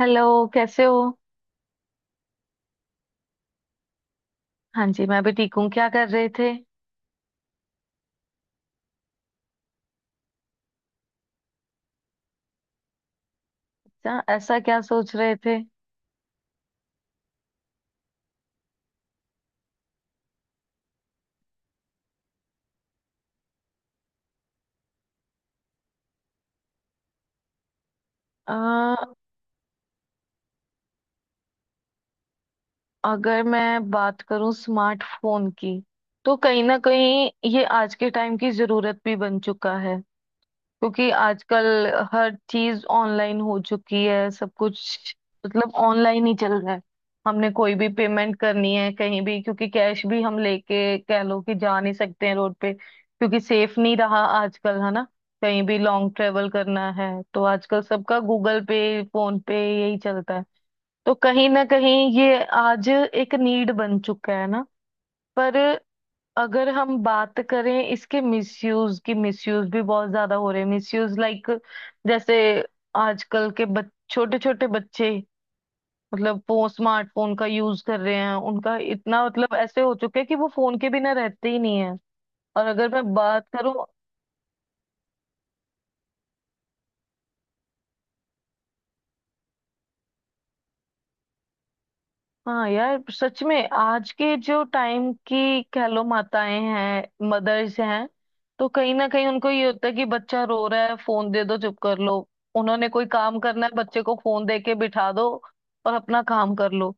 Hello. कैसे हो? हाँ जी, मैं भी ठीक हूँ। क्या कर रहे थे? ऐसा क्या सोच रहे थे? आ, अगर मैं बात करूँ स्मार्टफोन की, तो कहीं ना कहीं ये आज के टाइम की जरूरत भी बन चुका है। क्योंकि आजकल हर चीज ऑनलाइन हो चुकी है, सब कुछ मतलब ऑनलाइन ही चल रहा है। हमने कोई भी पेमेंट करनी है कहीं भी, क्योंकि कैश भी हम लेके कह लो कि जा नहीं सकते हैं रोड पे, क्योंकि सेफ नहीं रहा आजकल, है ना। कहीं भी लॉन्ग ट्रेवल करना है तो आजकल सबका गूगल पे, फोन पे यही चलता है। तो कहीं ना कहीं ये आज एक नीड बन चुका है ना। पर अगर हम बात करें इसके मिसयूज की, मिसयूज भी बहुत ज्यादा हो रहे हैं। मिसयूज लाइक जैसे आजकल के छोटे छोटे बच्चे, मतलब वो स्मार्टफोन का यूज कर रहे हैं। उनका इतना मतलब ऐसे हो चुका है कि वो फोन के बिना रहते ही नहीं है। और अगर मैं बात करूं, हाँ यार सच में आज के जो टाइम की कह लो माताएं हैं, मदर्स हैं, तो कहीं ना कहीं उनको ये होता है कि बच्चा रो रहा है, फोन दे दो चुप कर लो। उन्होंने कोई काम करना है बच्चे को फोन दे के बिठा दो और अपना काम कर लो।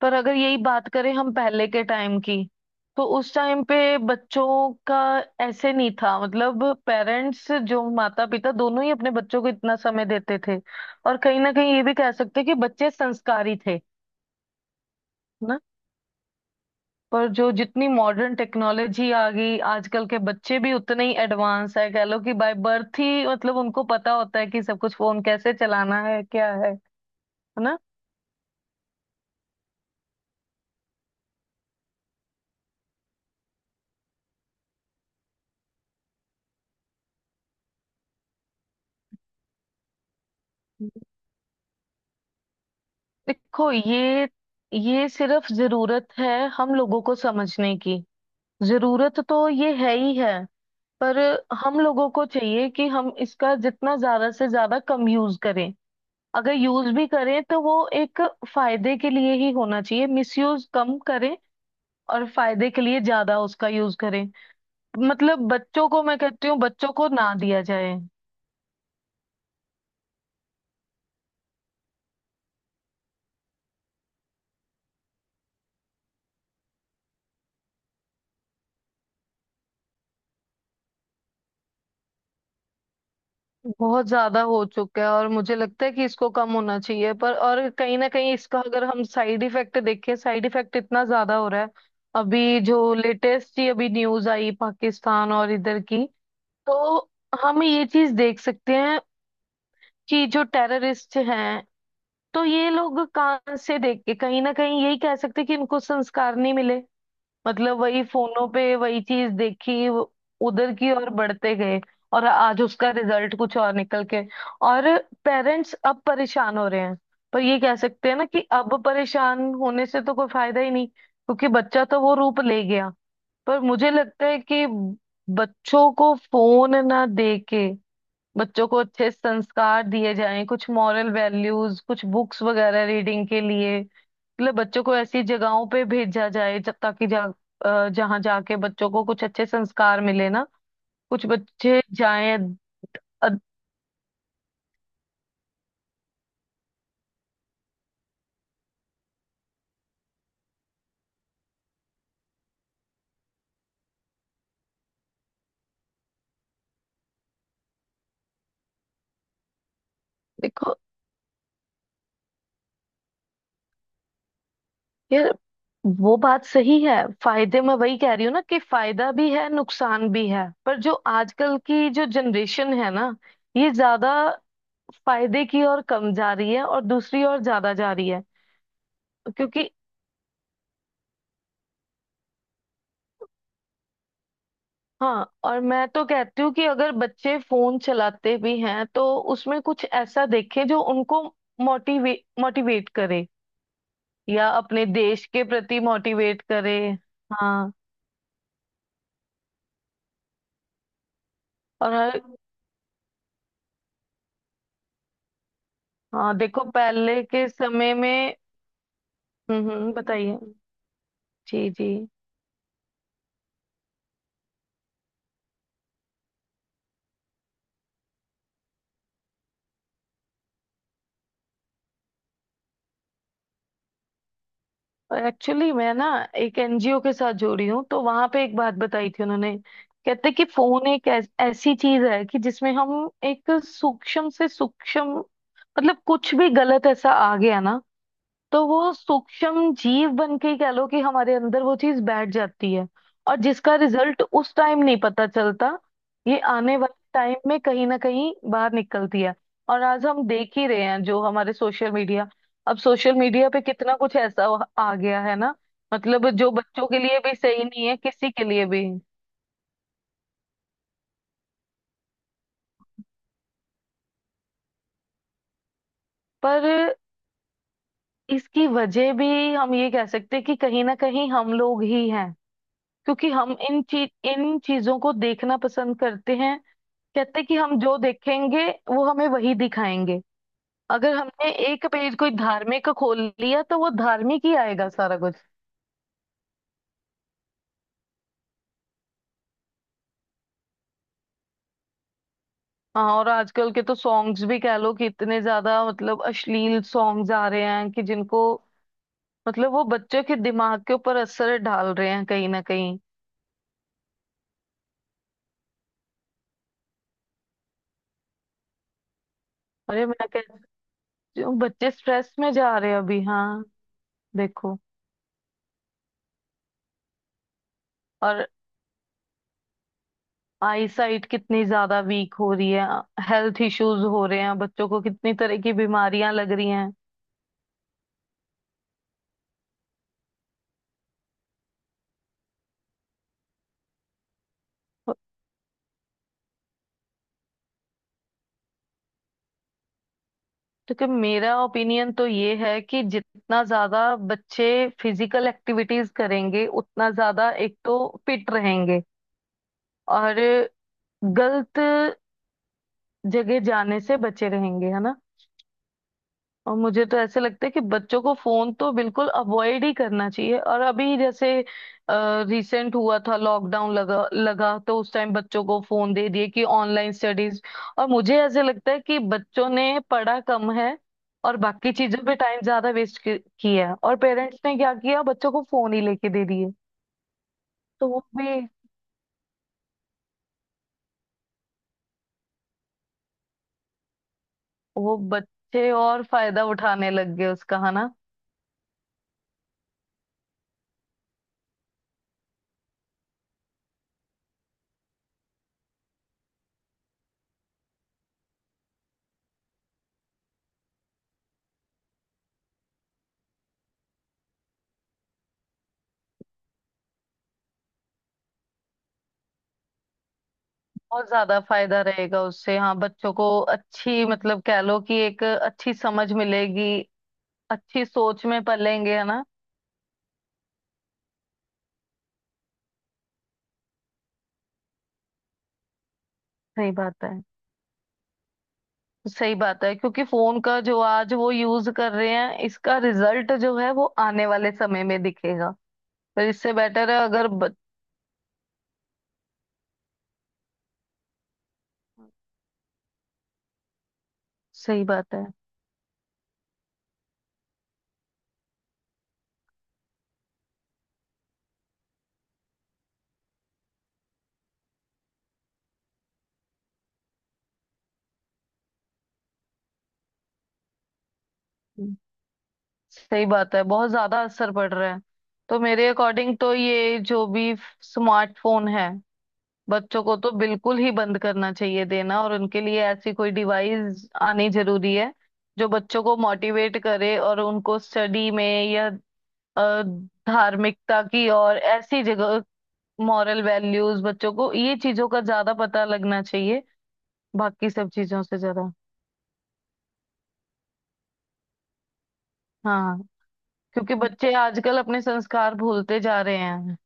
पर अगर यही बात करें हम पहले के टाइम की, तो उस टाइम पे बच्चों का ऐसे नहीं था। मतलब पेरेंट्स, जो माता पिता दोनों ही अपने बच्चों को इतना समय देते थे, और कहीं ना कहीं ये भी कह सकते हैं कि बच्चे संस्कारी थे ना। पर जो जितनी मॉडर्न टेक्नोलॉजी आ गई, आजकल के बच्चे भी उतने ही एडवांस है। कह लो कि बाय बर्थ ही मतलब उनको पता होता है कि सब कुछ फोन कैसे चलाना है, क्या है ना। देखो, ये सिर्फ जरूरत है हम लोगों को समझने की। जरूरत तो ये है ही है, पर हम लोगों को चाहिए कि हम इसका जितना ज्यादा से ज्यादा कम यूज करें। अगर यूज भी करें तो वो एक फायदे के लिए ही होना चाहिए। मिसयूज कम करें और फायदे के लिए ज्यादा उसका यूज करें। मतलब बच्चों को, मैं कहती हूँ बच्चों को ना दिया जाए। बहुत ज्यादा हो चुका है, और मुझे लगता है कि इसको कम होना चाहिए। पर और कहीं ना कहीं इसका अगर हम साइड इफेक्ट देखें, साइड इफेक्ट इतना ज्यादा हो रहा है। अभी जो लेटेस्ट ही अभी न्यूज आई पाकिस्तान और इधर की, तो हम ये चीज देख सकते हैं कि जो टेररिस्ट हैं, तो ये लोग कहाँ से देख के, कहीं ना कहीं यही कह सकते हैं कि इनको संस्कार नहीं मिले। मतलब वही फोनों पे वही चीज देखी, उधर की ओर बढ़ते गए, और आज उसका रिजल्ट कुछ और निकल के, और पेरेंट्स अब परेशान हो रहे हैं। पर ये कह सकते हैं ना कि अब परेशान होने से तो कोई फायदा ही नहीं, क्योंकि बच्चा तो वो रूप ले गया। पर मुझे लगता है कि बच्चों को फोन ना दे के बच्चों को अच्छे संस्कार दिए जाएं, कुछ मॉरल वैल्यूज, कुछ बुक्स वगैरह रीडिंग के लिए। मतलब बच्चों को ऐसी जगहों पे भेजा जाए जब ताकि जहाँ जाके बच्चों को कुछ अच्छे संस्कार मिले ना, कुछ बच्चे जाएं। अ, देखो, ये वो बात सही है। फायदे, मैं वही कह रही हूँ ना कि फायदा भी है, नुकसान भी है। पर जो आजकल की जो जनरेशन है ना, ये ज्यादा फायदे की ओर कम जा रही है, और दूसरी ओर ज्यादा जा रही है। क्योंकि हाँ, और मैं तो कहती हूँ कि अगर बच्चे फोन चलाते भी हैं तो उसमें कुछ ऐसा देखें जो उनको मोटिवे मोटिवेट करे, या अपने देश के प्रति मोटिवेट करे। हाँ। और हर, हाँ देखो पहले के समय में, बताइए। जी जी, एक्चुअली मैं ना एक एनजीओ के साथ जुड़ी हूँ, तो वहां पे एक बात बताई थी उन्होंने। कहते कि फोन एक ऐसी चीज है कि जिसमें हम एक सूक्ष्म से सूक्ष्म मतलब कुछ भी गलत ऐसा आ गया ना, तो वो सूक्ष्म जीव बन के ही कह लो कि हमारे अंदर वो चीज बैठ जाती है। और जिसका रिजल्ट उस टाइम नहीं पता चलता, ये आने वाले टाइम में कहीं ना कहीं बाहर निकलती है। और आज हम देख ही रहे हैं जो हमारे सोशल मीडिया, अब सोशल मीडिया पे कितना कुछ ऐसा आ गया है ना, मतलब जो बच्चों के लिए भी सही नहीं है, किसी के लिए भी। पर इसकी वजह भी हम ये कह सकते हैं कि कहीं ना कहीं हम लोग ही हैं, क्योंकि हम इन चीजों को देखना पसंद करते हैं। कहते कि हम जो देखेंगे वो हमें वही दिखाएंगे। अगर हमने एक पेज कोई धार्मिक का खोल लिया तो वो धार्मिक ही आएगा सारा कुछ। हाँ और आजकल के तो सॉन्ग्स भी कह लो कि इतने ज्यादा मतलब अश्लील सॉन्ग्स आ रहे हैं, कि जिनको मतलब वो बच्चों के दिमाग के ऊपर असर डाल रहे हैं कहीं ना कहीं। अरे मैं कहती हूँ बच्चे स्ट्रेस में जा रहे हैं अभी। हाँ देखो, और आई साइट कितनी ज्यादा वीक हो रही है, हेल्थ इश्यूज हो रहे हैं, बच्चों को कितनी तरह की बीमारियां लग रही हैं। क्योंकि मेरा ओपिनियन तो ये है कि जितना ज्यादा बच्चे फिजिकल एक्टिविटीज करेंगे उतना ज्यादा एक तो फिट रहेंगे, और गलत जगह जाने से बचे रहेंगे, है ना। और मुझे तो ऐसे लगता है कि बच्चों को फोन तो बिल्कुल अवॉइड ही करना चाहिए। और अभी जैसे रिसेंट हुआ था लॉकडाउन लगा लगा, तो उस टाइम बच्चों को फोन दे दिए कि ऑनलाइन स्टडीज, और मुझे ऐसे लगता है कि बच्चों ने पढ़ा कम है और बाकी चीजों पे टाइम ज्यादा वेस्ट किया। और पेरेंट्स ने क्या किया, बच्चों को फोन ही लेके दे दिए, तो वो भी वो बच्चे और फायदा उठाने लग गए उसका है। बहुत ज्यादा फायदा रहेगा उससे, हाँ बच्चों को अच्छी मतलब कह लो कि एक अच्छी समझ मिलेगी, अच्छी सोच में पलेंगे, है ना। सही बात है। सही बात है, क्योंकि फोन का जो आज वो यूज कर रहे हैं इसका रिजल्ट जो है वो आने वाले समय में दिखेगा। तो इससे बेटर है अगर सही बात है। हम्म, सही बात है, बहुत ज्यादा असर पड़ रहा है। तो मेरे अकॉर्डिंग तो ये जो भी स्मार्टफोन है, बच्चों को तो बिल्कुल ही बंद करना चाहिए देना, और उनके लिए ऐसी कोई डिवाइस आनी जरूरी है जो बच्चों को मोटिवेट करे, और उनको स्टडी में, या अ, धार्मिकता की और ऐसी जगह, मॉरल वैल्यूज, बच्चों को ये चीजों का ज्यादा पता लगना चाहिए बाकी सब चीजों से ज्यादा। हाँ, क्योंकि बच्चे आजकल अपने संस्कार भूलते जा रहे हैं।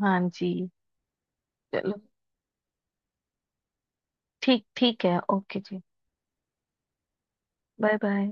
हाँ जी, चलो, ठीक ठीक है, ओके जी। Bye bye.